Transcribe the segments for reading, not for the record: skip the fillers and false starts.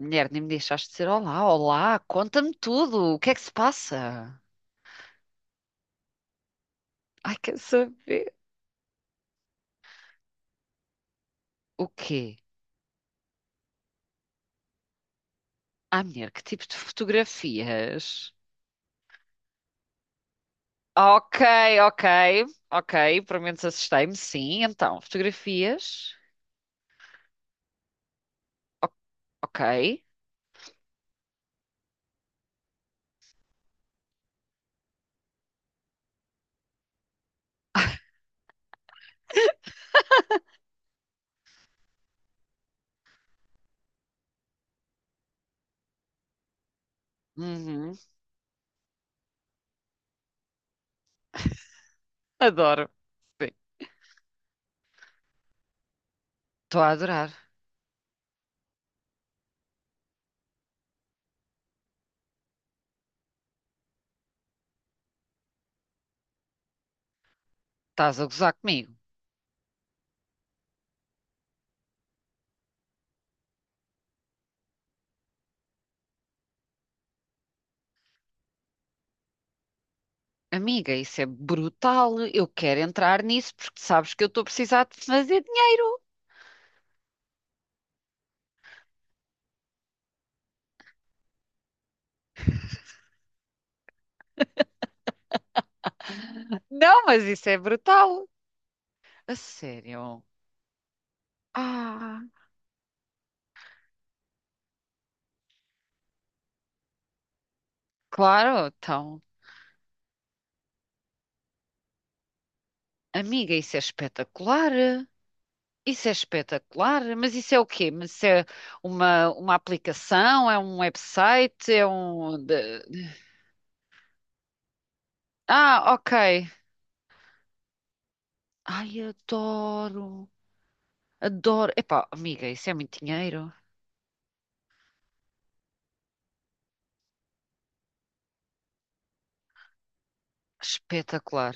Mulher, nem me deixaste dizer olá, conta-me tudo, o que é que se passa? Ai, quer saber? O quê? Ai, mulher, que tipo de fotografias? Ok, ok, ok, pelo menos assustei-me, sim, então, fotografias, O- ok, uhum, adoro, estou a adorar, estás a gozar comigo. Amiga, isso é brutal, eu quero entrar nisso porque sabes que eu estou a precisar de fazer dinheiro. Não, mas isso é brutal, a sério. Ah. Claro, então. Amiga, isso é espetacular. Isso é espetacular. Mas isso é o quê? Mas isso é uma aplicação? É um website? É um. Ah, ok. Ai, adoro. Adoro. Epá, amiga, isso é muito dinheiro. Espetacular.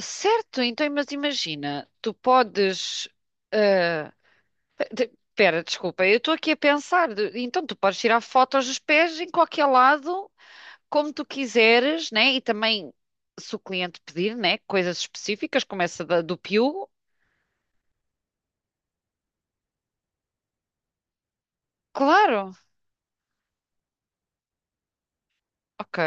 Certo, então, mas imagina, tu podes. ah, Pera, desculpa, eu estou aqui a pensar. Então, tu podes tirar fotos dos pés em qualquer lado como tu quiseres, né? E também, se o cliente pedir, né? Coisas específicas, como essa do Piu, claro, ok.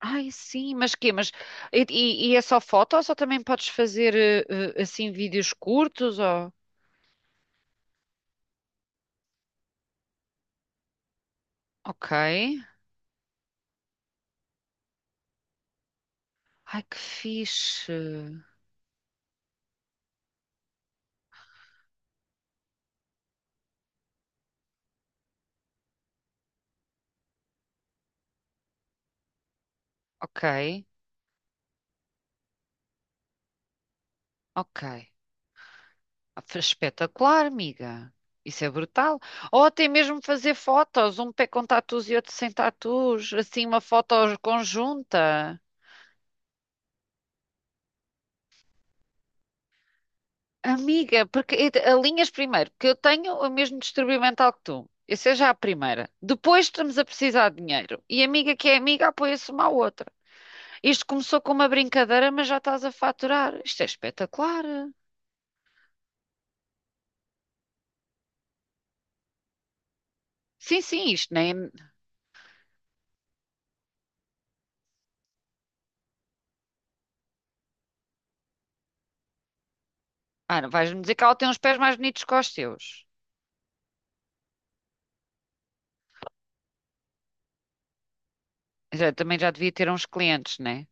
Ai, sim, mas quê? Mas, e é só foto ou só também podes fazer assim vídeos curtos? Ou... Ok. Ai, que fixe. Ok, ok. Espetacular, amiga. Isso é brutal. Ou até mesmo fazer fotos, um pé com tatus e outro sem tatus, assim uma foto conjunta. Amiga, porque alinhas primeiro, porque eu tenho o mesmo distúrbio mental que tu. Essa é já a primeira. Depois estamos a precisar de dinheiro. E amiga que é amiga apoia-se uma à outra. Isto começou com uma brincadeira, mas já estás a faturar. Isto é espetacular. Sim, sim, isto nem. Ah, não vais-me dizer que ela tem uns pés mais bonitos que os teus. Já, também já devia ter uns clientes, né?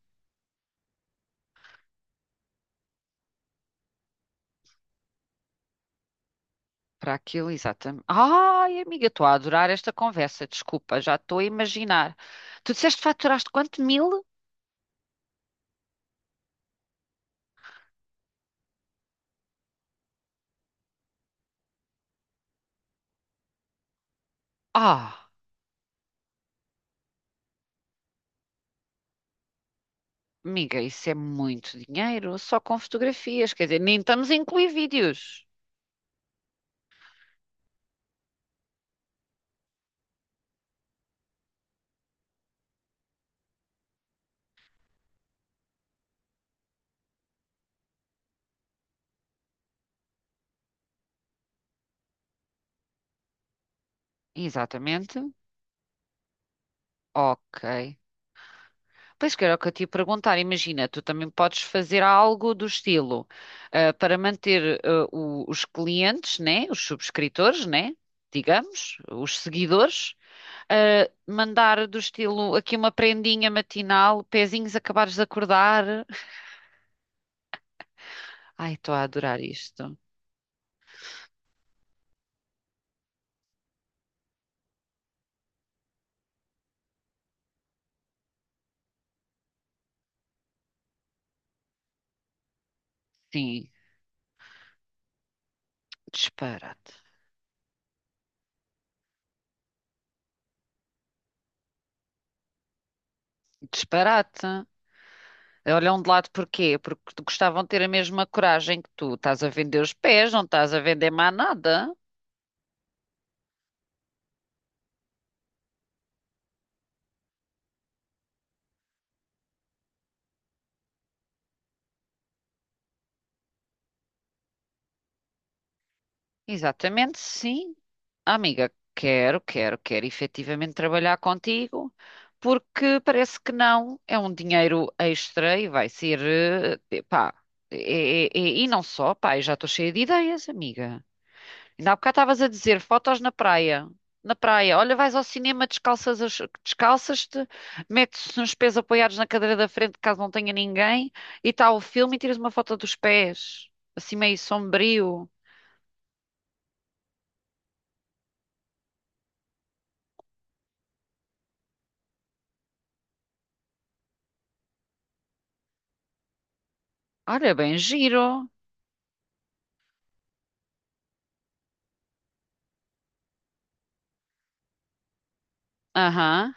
Para aquilo, exatamente. Ai, amiga, estou a adorar esta conversa. Desculpa, já estou a imaginar. Tu disseste que faturaste quanto? Mil? Ah! Amiga, isso é muito dinheiro, só com fotografias, quer dizer, nem estamos a incluir vídeos. Exatamente. Ok. Pois que era o que eu te ia perguntar. Imagina, tu também podes fazer algo do estilo, para manter, os clientes, né? Os subscritores, né? Digamos, os seguidores, ah, mandar do estilo aqui uma prendinha matinal, pezinhos acabares de acordar. Ai, estou a adorar isto. Sim, disparate. Disparate. Olham de lado porquê? Porque gostavam de ter a mesma coragem que tu. Estás a vender os pés, não estás a vender mais nada. Exatamente, sim. Ah, Amiga, quero efetivamente trabalhar contigo, porque parece que não, é um dinheiro extra e vai ser, pá, e não só, pá, eu já estou cheia de ideias, amiga. Ainda há bocado estavas a dizer fotos na praia. Na praia, olha, vais ao cinema, descalças, descalças-te, metes uns pés apoiados na cadeira da frente, caso não tenha ninguém, e está o filme e tiras uma foto dos pés, assim meio sombrio. Olha, bem giro. Aham.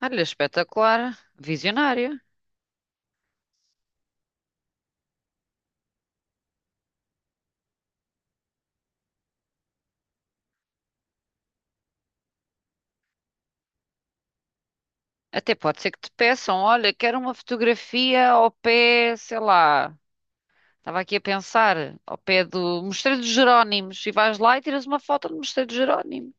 Olha, espetacular. Visionário. Até pode ser que te peçam, olha, quero uma fotografia ao pé, sei lá. Estava aqui a pensar, ao pé do Mosteiro dos Jerónimos, e vais lá e tiras uma foto do Mosteiro dos Jerónimos.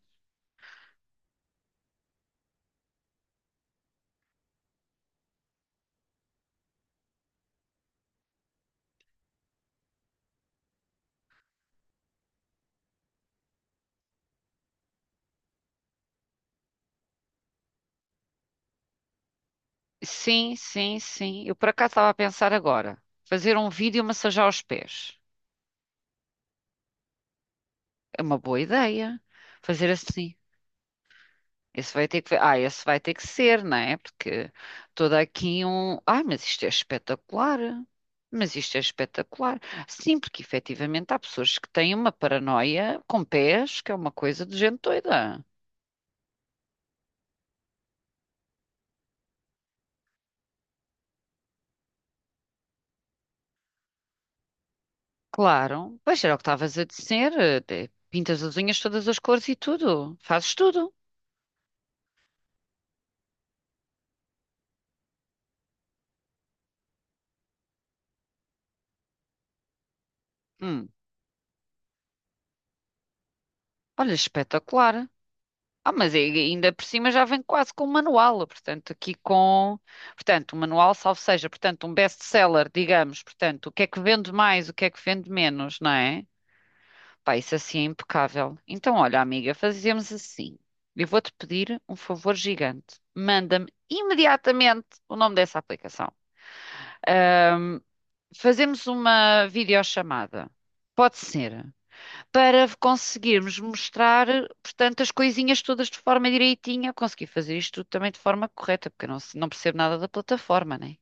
Sim. Eu por acaso estava a pensar agora. Fazer um vídeo e massajar os pés. É uma boa ideia. Fazer assim. Esse vai ter que... Ah, esse vai ter que ser, não é? Porque toda aqui um... Ah, mas isto é espetacular. Mas isto é espetacular. Sim, porque efetivamente há pessoas que têm uma paranoia com pés, que é uma coisa de gente doida. Claro. Pois era o que estavas a dizer. Pintas as unhas todas as cores e tudo. Fazes tudo. Hum. Olha, espetacular. Ah, mas aí ainda por cima já vem quase com o manual, portanto, aqui com, portanto, o manual, salvo seja, portanto, um best-seller, digamos, portanto, o que é que vende mais, o que é que vende menos, não é? Pá, isso assim é impecável. Então, olha, amiga, fazemos assim. Eu vou-te pedir um favor gigante. Manda-me imediatamente o nome dessa aplicação. Ahm, fazemos uma videochamada. Pode ser para conseguirmos mostrar, portanto, as coisinhas todas de forma direitinha. Eu consegui fazer isto tudo também de forma correta, porque eu não, não percebo nada da plataforma, né?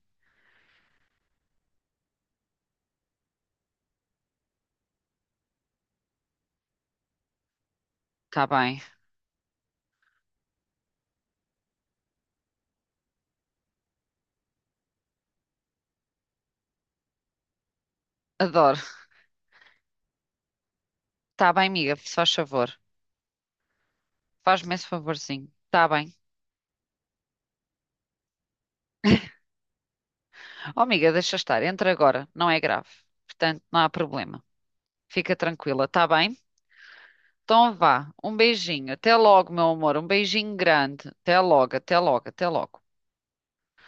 Tá bem, adoro. Tá bem, amiga, se faz favor. Faz-me esse favorzinho. Tá bem. Oh, amiga, deixa estar, entra agora, não é grave. Portanto, não há problema. Fica tranquila, tá bem? Então vá, um beijinho. Até logo, meu amor. Um beijinho grande. Até logo.